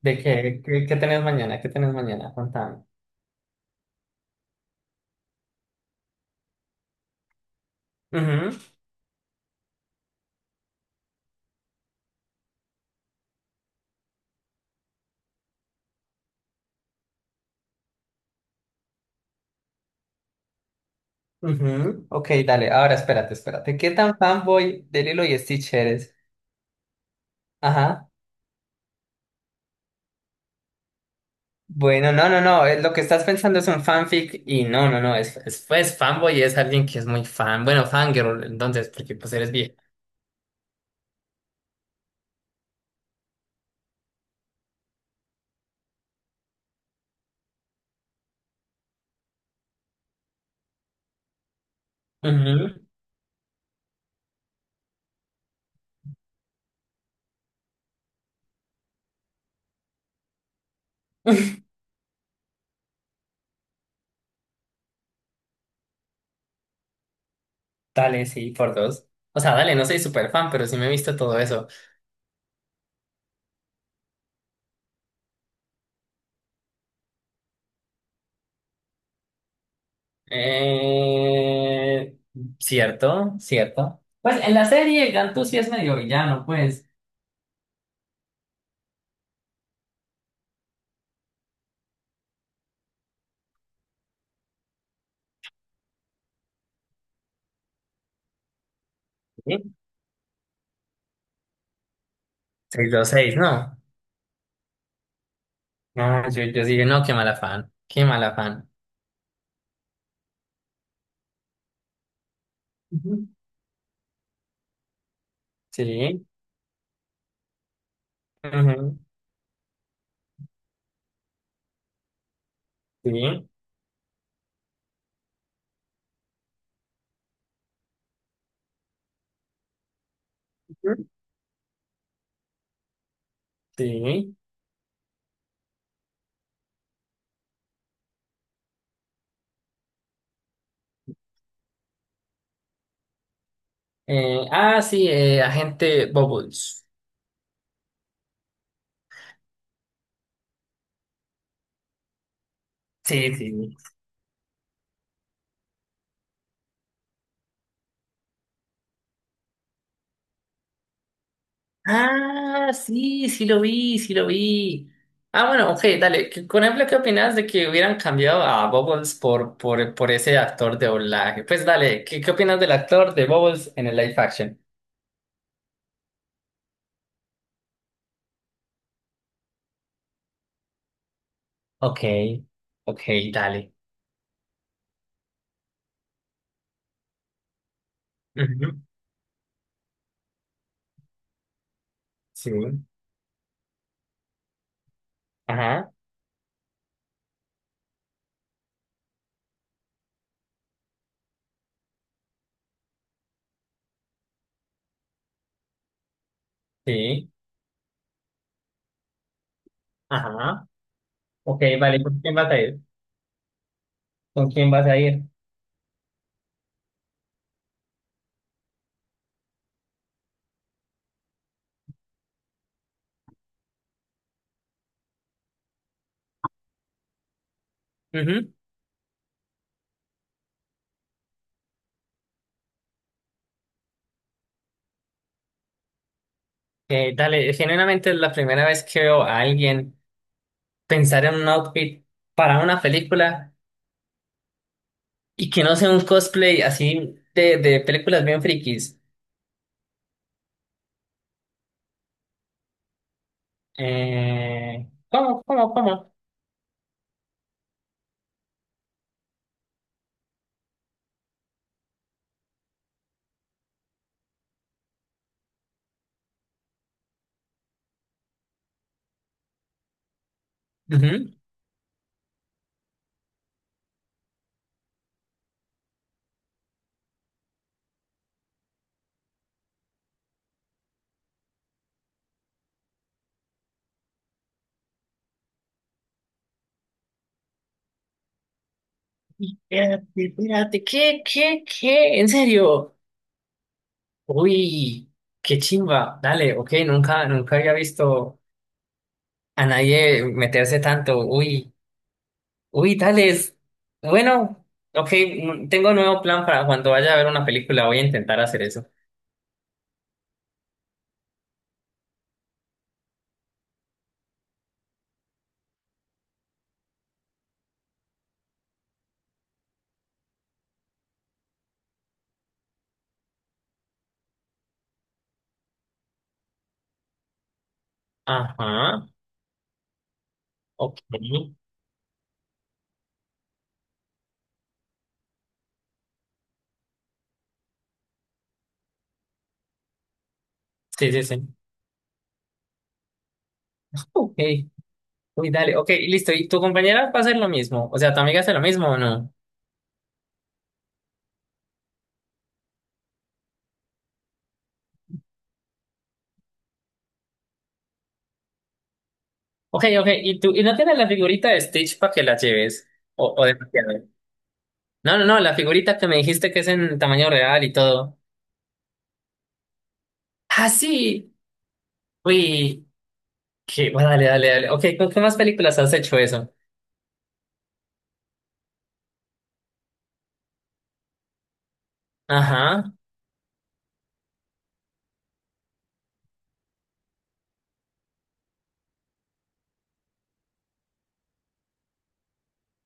¿De qué tenés mañana? ¿Qué tenés mañana? Contame. Ujú, ujú. Ok, dale. Ahora espérate, espérate. ¿Qué tan fanboy de Lilo y Stitch eres? Ajá. Bueno, no, no, no. Lo que estás pensando es un fanfic y no, no, no. Pues fanboy es alguien que es muy fan. Bueno, fangirl, entonces, porque pues eres vieja. Ujú. Dale, sí, por dos. O sea, dale, no soy súper fan, pero sí me he visto todo eso. Eh, cierto, cierto. Pues en la serie Gantu sí es medio villano, pues. 626, no. No, yo dije, no, qué mal afán, qué mal afán. Ujú. Sí, ujú, sí, ujú, sí. Ah, sí, agente Bubbles. Sí, sí. Ah, sí, sí lo vi, sí lo vi. Ah, bueno, ok, dale. ¿Qué- Por ejemplo, ¿qué opinas de que hubieran cambiado a Bubbles por ese actor de doblaje? Pues dale, ¿qué opinas del actor de Bubbles en el live action? Ok, ok, dale. Ujú. Sí, ajá, sí. Ajá. Ok, vale, ¿con quién vas a ir? ¿Con quién vas a ir? Ujú. Dale, genuinamente es la primera vez que veo a alguien pensar en un outfit para una película y que no sea un cosplay así de películas bien frikis. ¿Cómo, cómo? Ujú. Espérate, espérate, ¿qué? ¿En serio? Uy, qué chimba. Dale, ok, nunca, nunca había visto a nadie meterse tanto. Uy. Uy, tales. Bueno, ok, tengo un nuevo plan para cuando vaya a ver una película. Voy a intentar hacer eso. Ajá, ok. Sí, sí, sí. Ok, uy, dale, ok, listo. ¿Y tu compañera va a hacer lo mismo? O sea, ¿tu amiga hace lo mismo o no? Ok, ok, ¿y tú? ¿Y no tienes la figurita de Stitch para que la lleves? ¿O, o de Maquiavelo? No, no, no, la figurita que me dijiste que es en tamaño real y todo. Ah, sí. Uy, qué, bueno, dale, dale, dale. Ok, ¿con qué más películas has hecho eso? Ajá,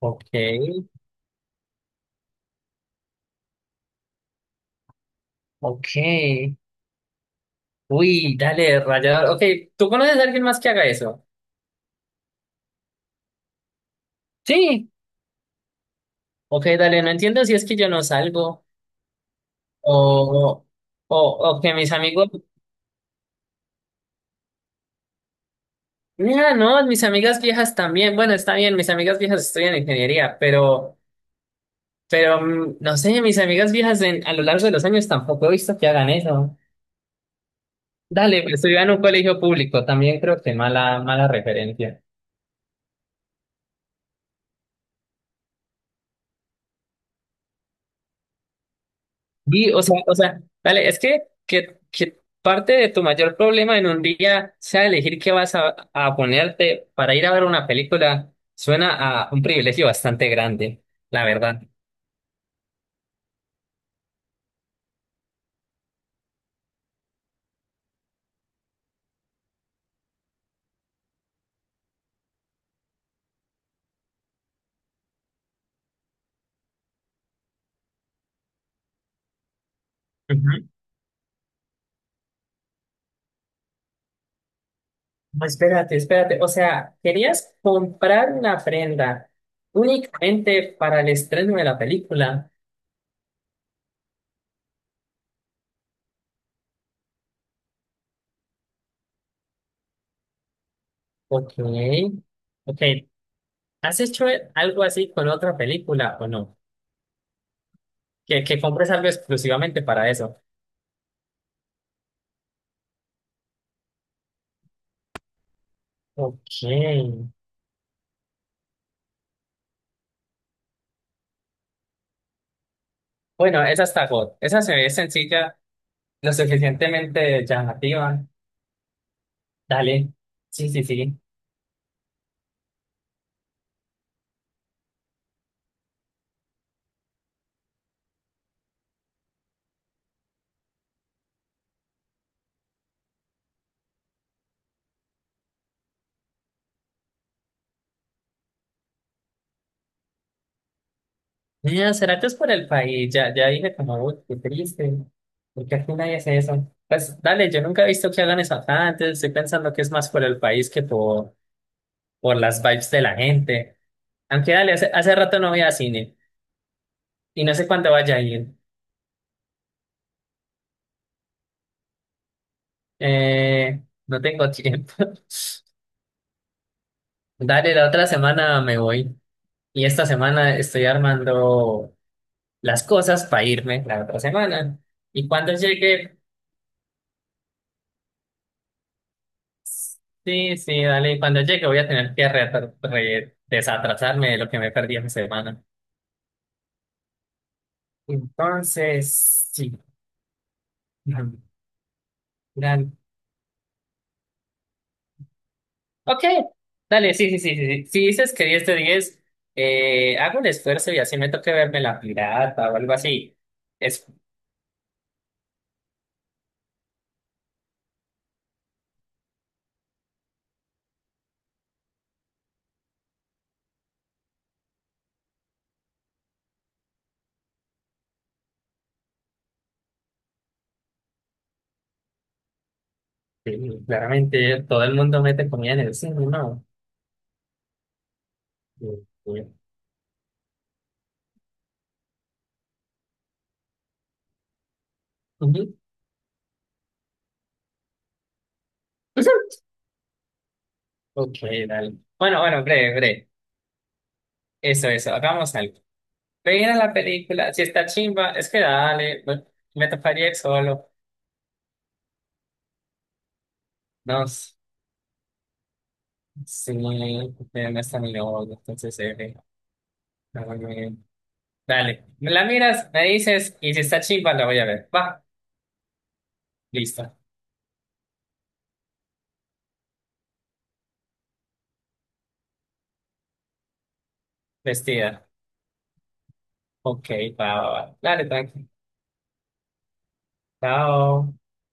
ok. Ok, uy, dale, rayador. Ok, ¿tú conoces a alguien más que haga eso? Sí, ok, dale, no entiendo si es que yo no salgo o, o, o que mis amigos... Mira, no, mis amigas viejas también. Bueno, está bien, mis amigas viejas estudian ingeniería, pero no sé, mis amigas viejas en- a lo largo de los años tampoco he visto que hagan eso. Dale, pero estudiaba en un colegio público, también creo que mala, mala referencia. Y, o sea, dale, es que, que parte de tu mayor problema en un día sea elegir qué vas a ponerte para ir a ver una película, suena a un privilegio bastante grande, la verdad. Ujú. No, espérate, espérate, o sea, querías comprar una prenda únicamente para el estreno de la película. Ok, ok. ¿Has hecho algo así con otra película o no? Que compres algo exclusivamente para eso. Ok. Bueno, esa está God. Esa se ve sencilla, lo suficientemente llamativa. Dale. Sí, sí, sí. Mira, ¿será que es por el país? Ya, ya dije como, uy, qué triste. Porque aquí nadie hace eso. Pues dale, yo nunca he visto que hagan eso acá antes. Estoy pensando que es más por el país que por las vibes de la gente. Aunque dale, hace, hace rato no voy a cine. Y no sé cuándo vaya a ir. Eh, no tengo tiempo. Dale, la otra semana me voy. Y esta semana estoy armando las cosas para irme la otra semana. Y cuando llegue, sí, sí, dale, cuando llegue voy a tener que desatrasarme de lo que me perdí esa semana. Entonces, sí. Ujú, dale. Ok, dale, sí, sí, sí, sí, sí. Si dices que 10 de 10, hago el esfuerzo y así me toque verme la pirata o algo así. Es, sí, claramente todo el mundo mete comida en el cine, ¿no? Sí, sí. Ujú. Ok, dale. Bueno, bueno, breve, breve. Eso, eso. Hagamos algo. Mira la película, si está chimba, es que dale, me toparía ir solo. No, s- sí, pero no está mi novio, entonces, no, no, no. Dale, me la miras, me dices, y si está chimba, la voy a ver. Va, listo, vestida. Ok, va, va, va. Dale, tranqui. Chao.